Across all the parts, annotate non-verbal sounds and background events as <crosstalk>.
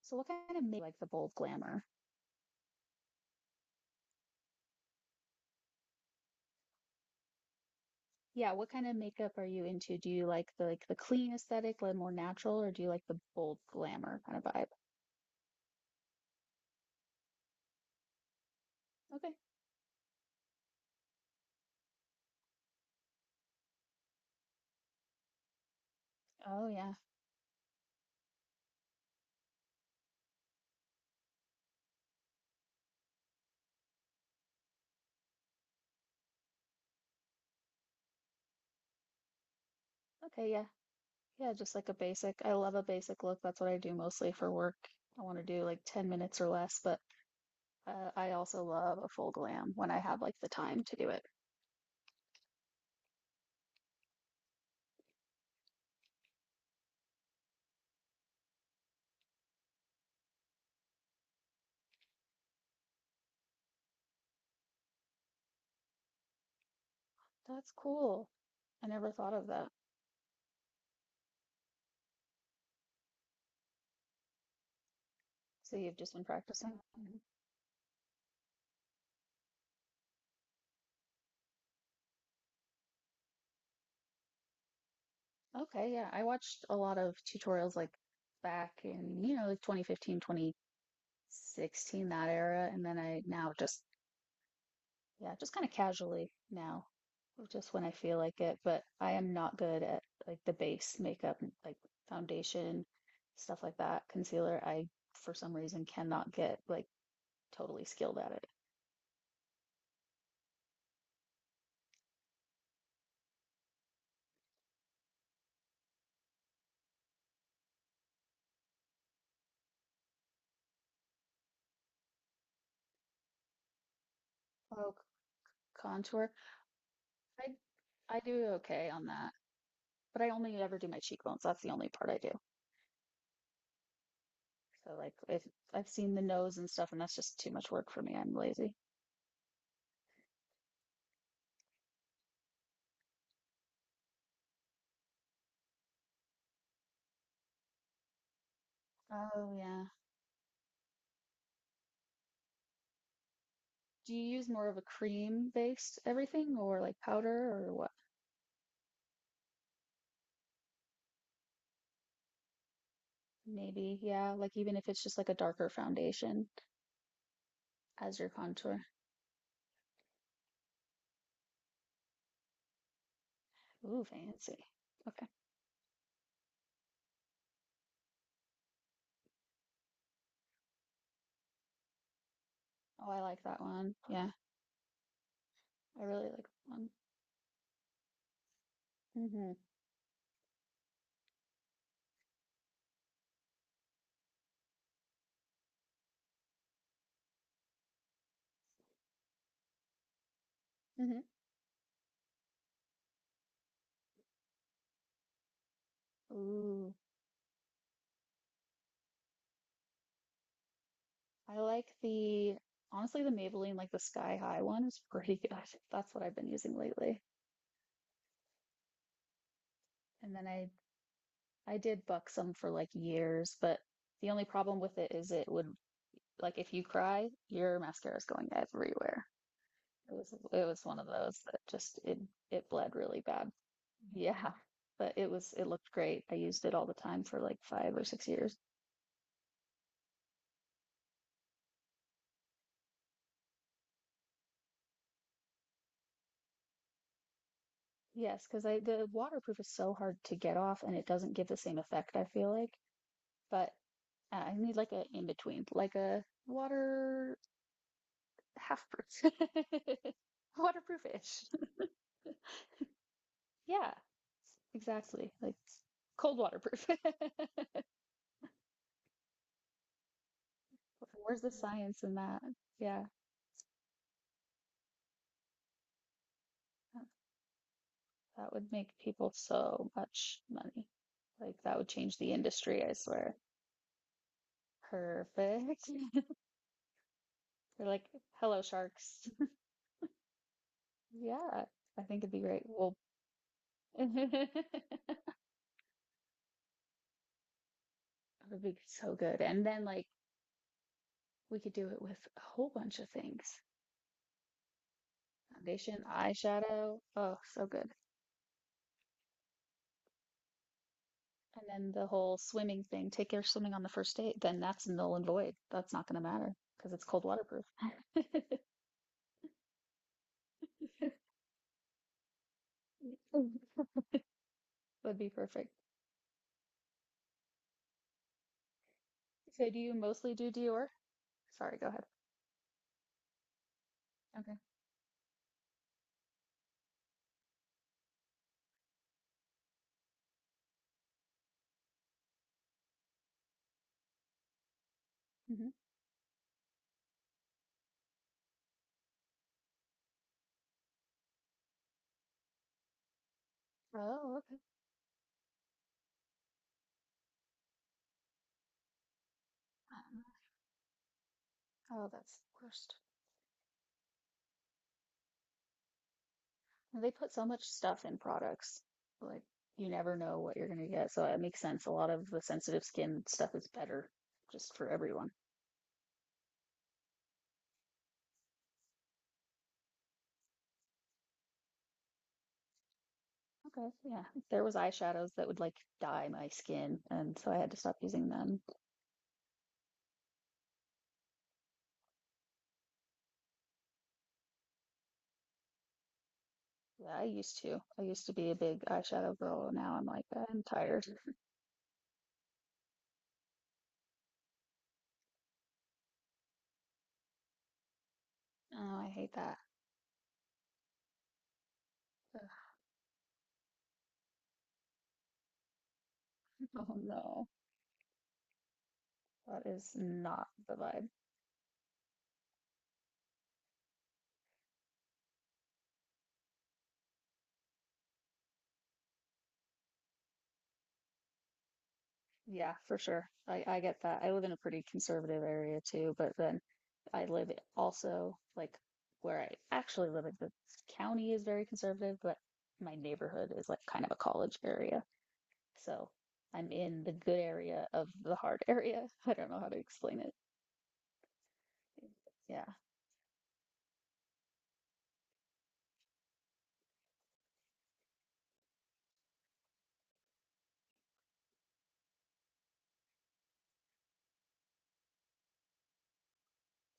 So what kind of make like the bold glamour? Yeah, what kind of makeup are you into? Do you like the clean aesthetic, like more natural, or do you like the bold glamour kind of vibe? Okay. Oh yeah. Okay, yeah. Yeah, just like a basic. I love a basic look. That's what I do mostly for work. I want to do like 10 minutes or less, but I also love a full glam when I have like the time to do it. That's cool. I never thought of that. So you've just been practicing? Mhm. Okay, yeah. I watched a lot of tutorials like back in like 2015, 16, that era. And then I now just yeah, just kind of casually now, just when I feel like it. But I am not good at like the base makeup, like foundation, stuff like that, concealer. I for some reason cannot get like totally skilled at it. Oh, contour. I i do okay on that, but I only ever do my cheekbones. That's the only part I do. So like if I've seen the nose and stuff, and that's just too much work for me, I'm lazy. Oh yeah. Do you use more of a cream-based everything or like powder or what? Maybe, yeah, like even if it's just like a darker foundation as your contour. Ooh, fancy. Okay. Oh, I like that one. Yeah, I really like that one. Mm-hmm. Mm-hmm. Ooh, I like the honestly the Maybelline like the Sky High one is pretty good. <laughs> That's what I've been using lately. And then I did Buxom for like years, but the only problem with it is it would, like if you cry, your mascara is going everywhere. It was one of those that just it bled really bad. Yeah, but it looked great. I used it all the time for like 5 or 6 years. Yes, because I, the waterproof is so hard to get off and it doesn't give the same effect, I feel like. But I need like a in between, like a water half proof. <laughs> Waterproof-ish. Yeah, exactly. Like cold waterproof. <laughs> Where's the science in that? Yeah. That would make people so much money. Like that would change the industry, I swear. Perfect. <laughs> They're like, hello, sharks. <laughs> Yeah, I think it'd be great. Well, <laughs> it would be so good. And then like we could do it with a whole bunch of things. Foundation, eyeshadow. Oh, so good. And then the whole swimming thing. Take care of swimming on the first date. Then that's null and void. That's not going to matter because it's cold waterproof. <laughs> Would be perfect. So do you mostly do Dior? Sorry, go ahead. Okay. Hmm. Oh, okay. Um, oh, that's the worst. They put so much stuff in products. Like you never know what you're gonna get. So it makes sense. A lot of the sensitive skin stuff is better just for everyone. Okay, yeah. There was eyeshadows that would like dye my skin, and so I had to stop using them. Yeah, I used to. I used to be a big eyeshadow girl. And now I'm like, I'm tired. Oh, I hate that. <laughs> Ugh. Oh no, that is not the vibe. Yeah, for sure. I get that. I live in a pretty conservative area too, but then I live also like where I actually live in the county is very conservative, but my neighborhood is like kind of a college area. So I'm in the good area of the hard area. <laughs> I don't know how to explain it. Yeah.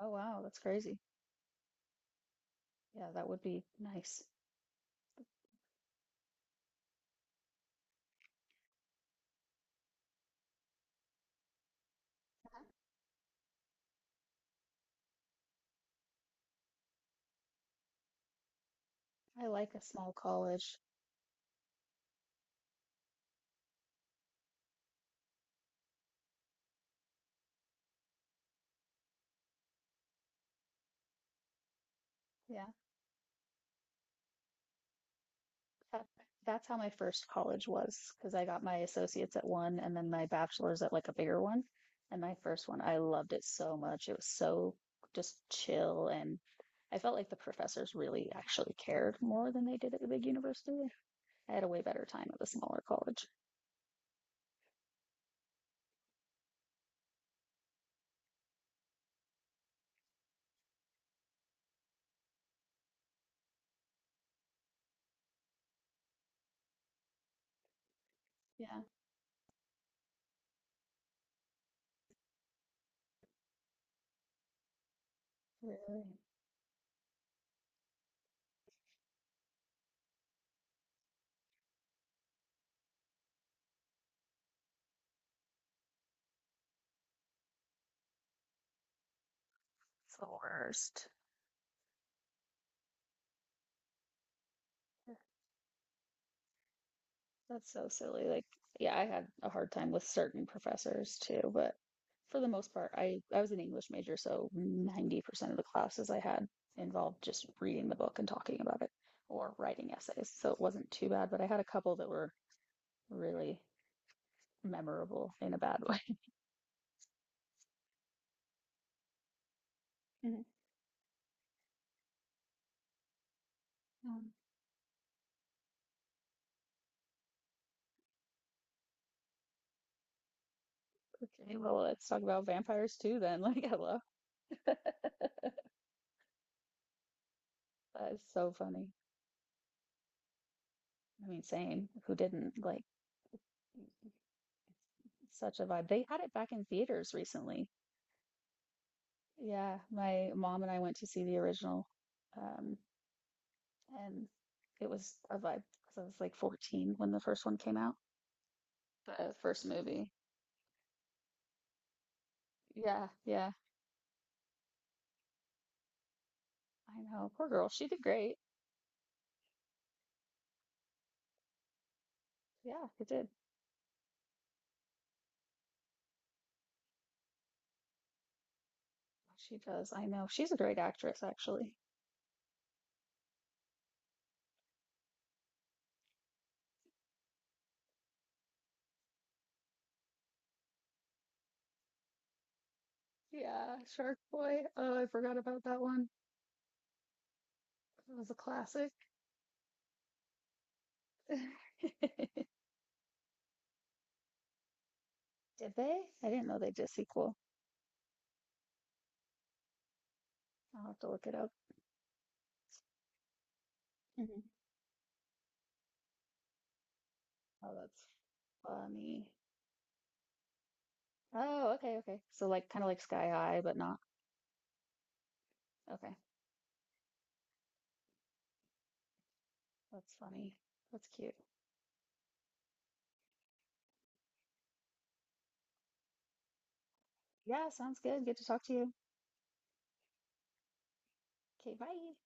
Oh wow, that's crazy. Yeah, that would be nice. I like a small college. Yeah. That's how my first college was, because I got my associates at one and then my bachelor's at like a bigger one. And my first one, I loved it so much. It was so just chill, and I felt like the professors really actually cared more than they did at the big university. I had a way better time at the smaller college. Yeah, really. It's the worst. That's so silly. Like, yeah, I had a hard time with certain professors too, but for the most part, I was an English major, so 90% of the classes I had involved just reading the book and talking about it or writing essays. So it wasn't too bad, but I had a couple that were really memorable in a bad way. <laughs> Mhm. Um, okay, well, let's talk about vampires too then. <laughs> Like, hello. That is so funny. I mean, same. Who didn't? Like, such a vibe. They had it back in theaters recently. Yeah, my mom and I went to see the original, um, and it was a vibe because I was like 14 when the first one came out, the first movie. Yeah, yeah, I know. Poor girl. She did great. Yeah, it did. She does. I know. She's a great actress, actually. Yeah, Shark Boy. Oh, I forgot about that one. It was a classic. <laughs> Did they? I didn't know they did a sequel. I'll have to look it up. Mhm. Oh, that's funny. Oh, okay, okay. So like kind of like Sky High, but not. Okay, that's funny. That's cute. Yeah, sounds good. Good to talk to you. Okay, bye.